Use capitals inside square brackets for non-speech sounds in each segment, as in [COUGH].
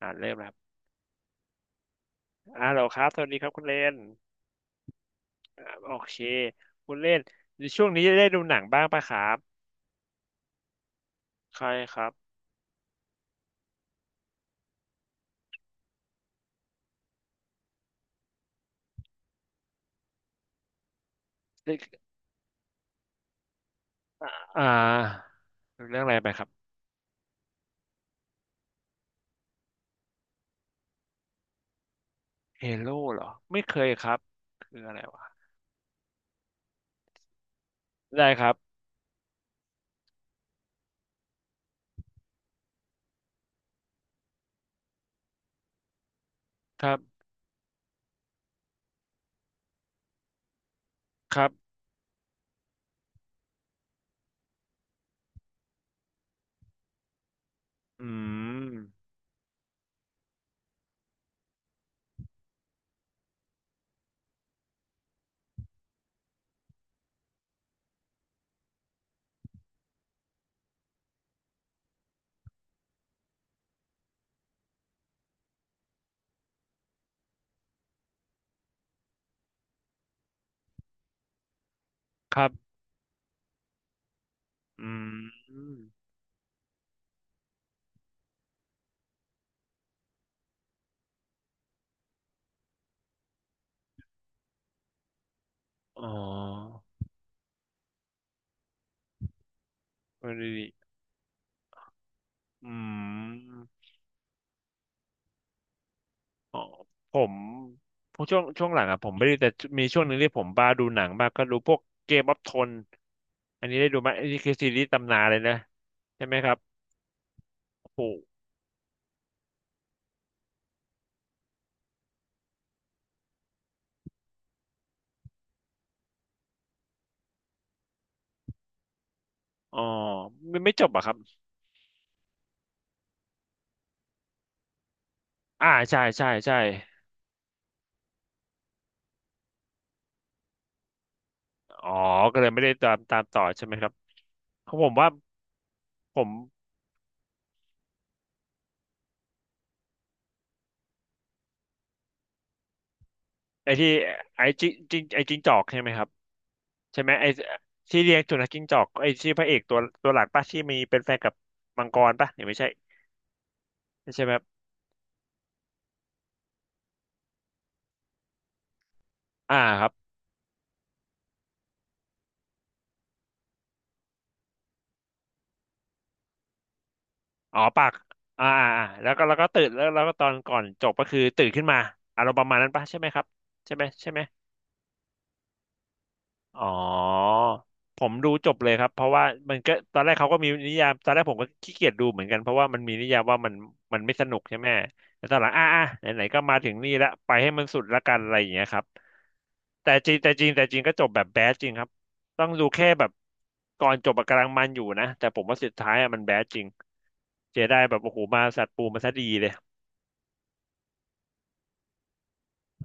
อ่าเริ่มแล้วครับอ่าเราครับสวัสดีครับคุณเลนอ่าโอเคคุณเลนในช่วงนี้ได้ดูหนังบ้างปะครับใช่ครับได้อ่าดูเรื่องอะไรไปครับเฮโร่เหรอไม่เคยครับคืออะไรวะได้ครับครับครับอืมครับอืมอ๋อวันนีอืม อ๋อผมพวกช่วงหลังอ่ะผมไม่ได้แต่มีช่วงหนึ่งที่ผมบ้าดูหนังบ้ากก็ดูพวกเกมออฟทนอันนี้ได้ดูไหมอันนี้คือซีรีส์ตำนานเลยนะใช่ไหมครับโอ้โหอ๋อไม่ไม่จบเหรอ่ะครับอ่าใช่ใช่ใช่อ๋อก็เลยไม่ได้ตามต่อใช่ไหมครับเพราะผมว่าผมไอ้ที่ไอ้จิจิงไอ้จิงจอกใช่ไหมครับใช่ไหมไอ้ที่เลี้ยงสุนัขจิ้งจอกไอ้ที่พระเอกตัวหลักป่ะที่มีเป็นแฟนกับมังกรป่ะหรือไม่ใช่ไม่ใช่ไหมครับอ่าครับ อ๋อปากอ่าอ่าอ่าแล้วก็แล้วก็ตื่นแล้วแล้วก็ตอนก่อนจบก็คือตื่นขึ้นมาอารมณ์ประมาณนั้นปะใช่ไหมครับใช่ไหมใช่ไหม อ๋อผมดูจบเลยครับเพราะว่ามันก็ตอนแรกเขาก็มีนิยามตอนแรกผมก็ขี้เกียจดูเหมือนกันเพราะว่ามันมีนิยามว่ามันไม่สนุกใช่ไหมแต่ตอนหลังอ่ะอ่ะไหนๆก็มาถึงนี่ละไปให้มันสุดละกันอะไรอย่างเงี้ยครับแต่จริงก็จบแบบแบดจริงครับต้องดูแค่แบบก่อนจบอะกำลังมันอยู่นะแต่ผมว่าสุดท้ายอะมันแบดจริงเจไดแบบโอ้โหมาสัตว์ปูมาซะดีเลย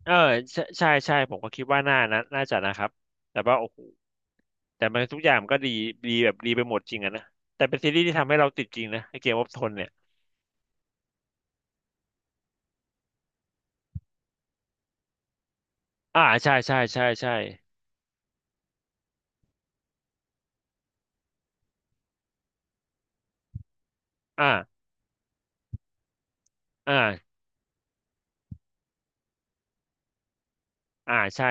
เออใช่ใช่ใช่ผมก็คิดว่าน่านะน่าจะนะครับแต่ว่าโอ้โหแต่มันทุกอย่างมันก็ดีดีแบบดีไปหมดจริงอะนะแต่เป็นซีรีส์ที่ทำให้เราติดจริงนะไอเกมวอฟทนเนี่ยอ่าใช่ใช่ใช่ใช่อ่าอ่าอ่าใช่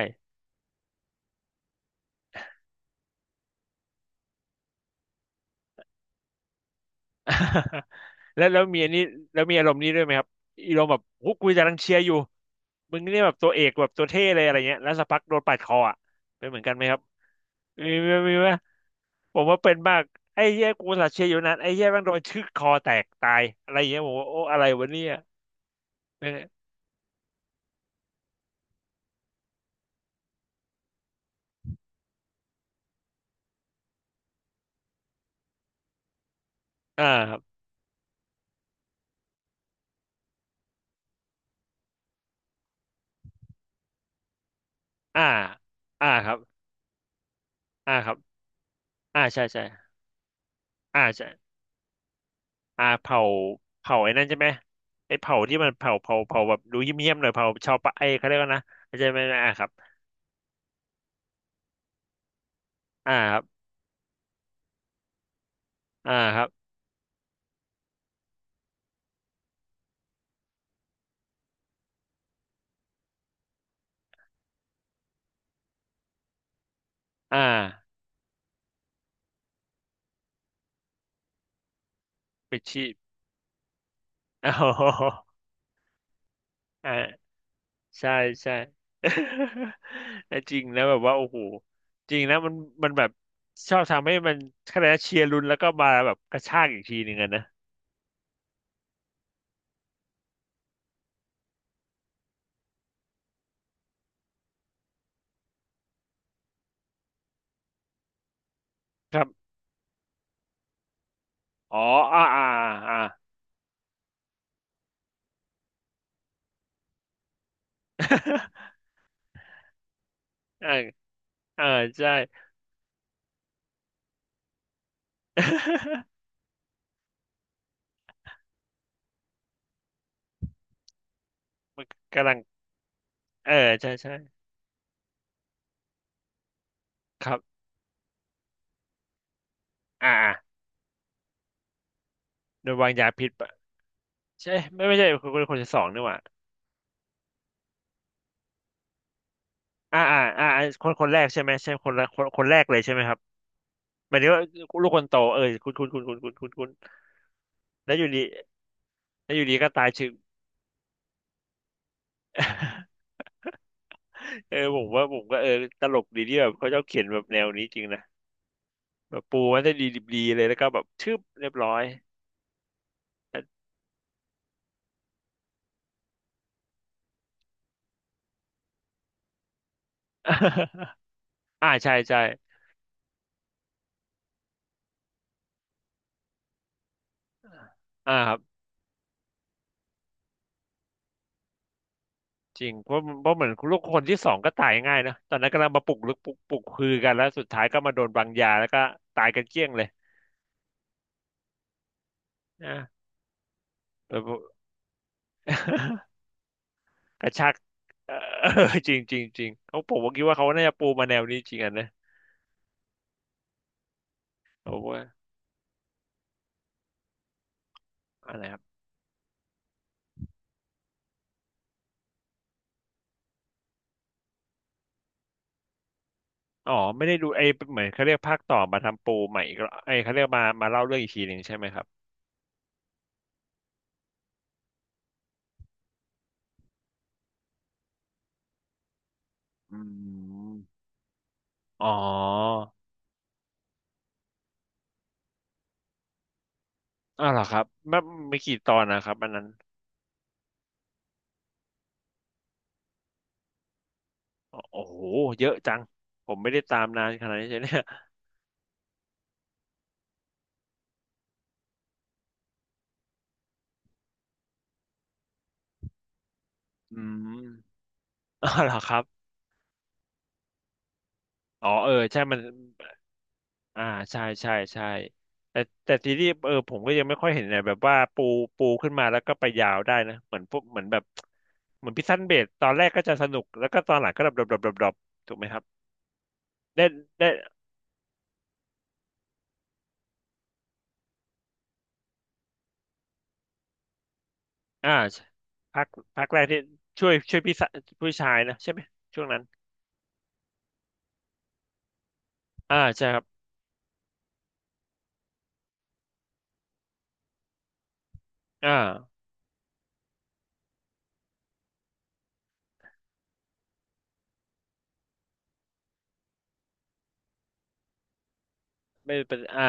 [LAUGHS] แล้วแล้วมีอันนี้แล้วมีอารมณ์นี้ด้วยไหมครับอารมณ์แบบฮุกกูจะรังเชียร์อยู่มึงนี่แบบตัวเอกแบบตัวเท่เลยอะไรเงี้ยแล้วสักพักโดนปาดคออ่ะเป็นเหมือนกันไหมครับมีไหมมีไหม ผมว่าเป็นมากไอ้เหี้ยกูอุตสัตว์เชียร์อยู่นั้นไอ้เหี้ยแม่งโดนชึกคอแตกตายอะไรอย่างเงี้ยผมว่าโอ้อะไรวะเนี่ยเม่อ่าครับอ่าอ่าครับอ่าครับอ่าใช่ใช่อ่าใช่อ่าเผาเผาไอ้นั่นใช่ไหมไอ้เผาที่มันเผาแบบดูเยี่ยมๆหน่อยเผาชาวปะไอ้เขาเรียกว่านะใช่ไหมอ่าครับอ่าครับอ่าครับอ่าไปชีพ [LAUGHS] อ๋ออ่า ใช่ใช่ [LAUGHS] แต่จริงนะแบบว่าโอ้โหจริงนะมันแบบชอบทำให้มันคะแนนเชียร์ลุ้นแล้วก็มาแบบกระชากอีกทีหนึ่งอะนะครับอ๋ออ่าอ่าอ่า [LAUGHS] เออเออใช่ [LAUGHS] มันกำลังเออใช่ใช่ครับอ่าอ่าโดนวางยาพิษปะใช่ไม่ไม่ใช่คนที่สองนี่หว่าอ่าอ่าอ่าอคนแรกใช่ไหมใช่คนละคนคนแรกเลยใช่ไหมครับหมายถึงว่าลูกคนโตเออคุณแล้วอยู่ดีแล้วอยู่ดีก็ตายเฉย [LAUGHS] เออผมว่าผมก็เออตลกดีที่แบบเขาชอบเขียนแบบแนวนี้จริงนะแบบปูมันได้ดีดีเลยแล้วก็แบบชึบเรียบร้อย [LAUGHS] อ่าใช่ใช่อ่าครับจริงเพราะเหมือนลูกคนที่สองก็ตายง่ายนะตอนนั้นกำลังมาปลุกลึกปลุกคือกันแล้วสุดท้ายก็มาโดนวางยาแล้วก็ตายกันเกลี้ยงเลยนะแบบ [LAUGHS] กระชากเออ [LAUGHS] จริงจริงจริงเขาผมก็คิดว่าเขาน่าจะปูมาแนวนี้จริงอ่ะนะผมว่าอะไร อ๋อไม่ได้ดูไอ้เหมือนเขาเรียกภาคต่อมาทำปูใหม่อีกรอบไอ้เขาเรียกมามาเล่าเรื่องอีกทีหนึ่งใช่ไหมครับอืมอ๋ออ้าวเหรอครับมันไม่กี่ตอนนะครับอันนั้นอ๋อโอ้โหเยอะจังผมไม่ได้ตามนานขนาดนี้ใช่เนี่ยอืมอ้าวเหรอครับอ๋อเออใช่มันอ่าใช่ใช่ใช่แต่แต่ทีนี้เออผมก็ยังไม่ค่อยเห็นเนี่ยแบบว่าปูปูขึ้นมาแล้วก็ไปยาวได้นะเหมือนพวกเหมือนแบบเหมือนพิซซันเบดตอนแรกก็จะสนุกแล้วก็ตอนหลังก็ดรอปถูกไหมครับ ได้ได้อ่าพักพักแรกที่ช่วยพี่สะผู้ชายนะใช่ไหมช่วงนั้น อ่าใช่ครับ อ่าไม่เป็นอ่า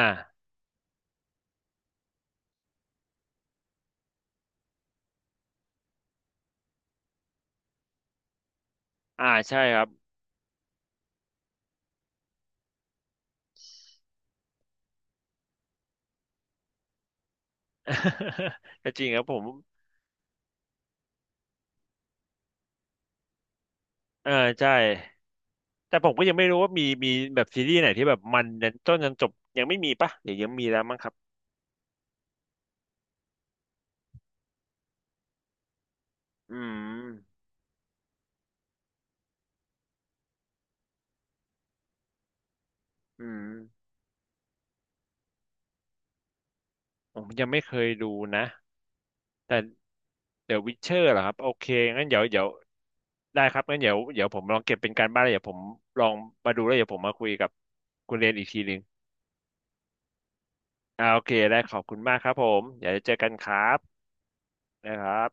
อ่าใช่ครับ [LAUGHS] ก็จริงครับผมอ่าใช่แต่ผมก็ยังไม่รู้ว่ามีมีแบบซีรีส์ไหนที่แบบมันยันต้นยันจบยังไม่มีปะเดี๋ยวยังมีแล้วมั้งครับอืมอืมผมยังไม่เคยดูนะ แต่เดี๋ยววิเชอร์เหรอครับโอเคงั้นเดี๋ยวได้ครับงั้นเดี๋ยวผมลองเก็บเป็นการบ้านแล้วเดี๋ยวผมลองมาดูแล้วเดี๋ยวผมมาคุยกับคุณเรนอีกทีหนึ่งอ่าโอเคได้ขอบคุณมากครับผมเดี๋ยวเจอกันครับนะครับ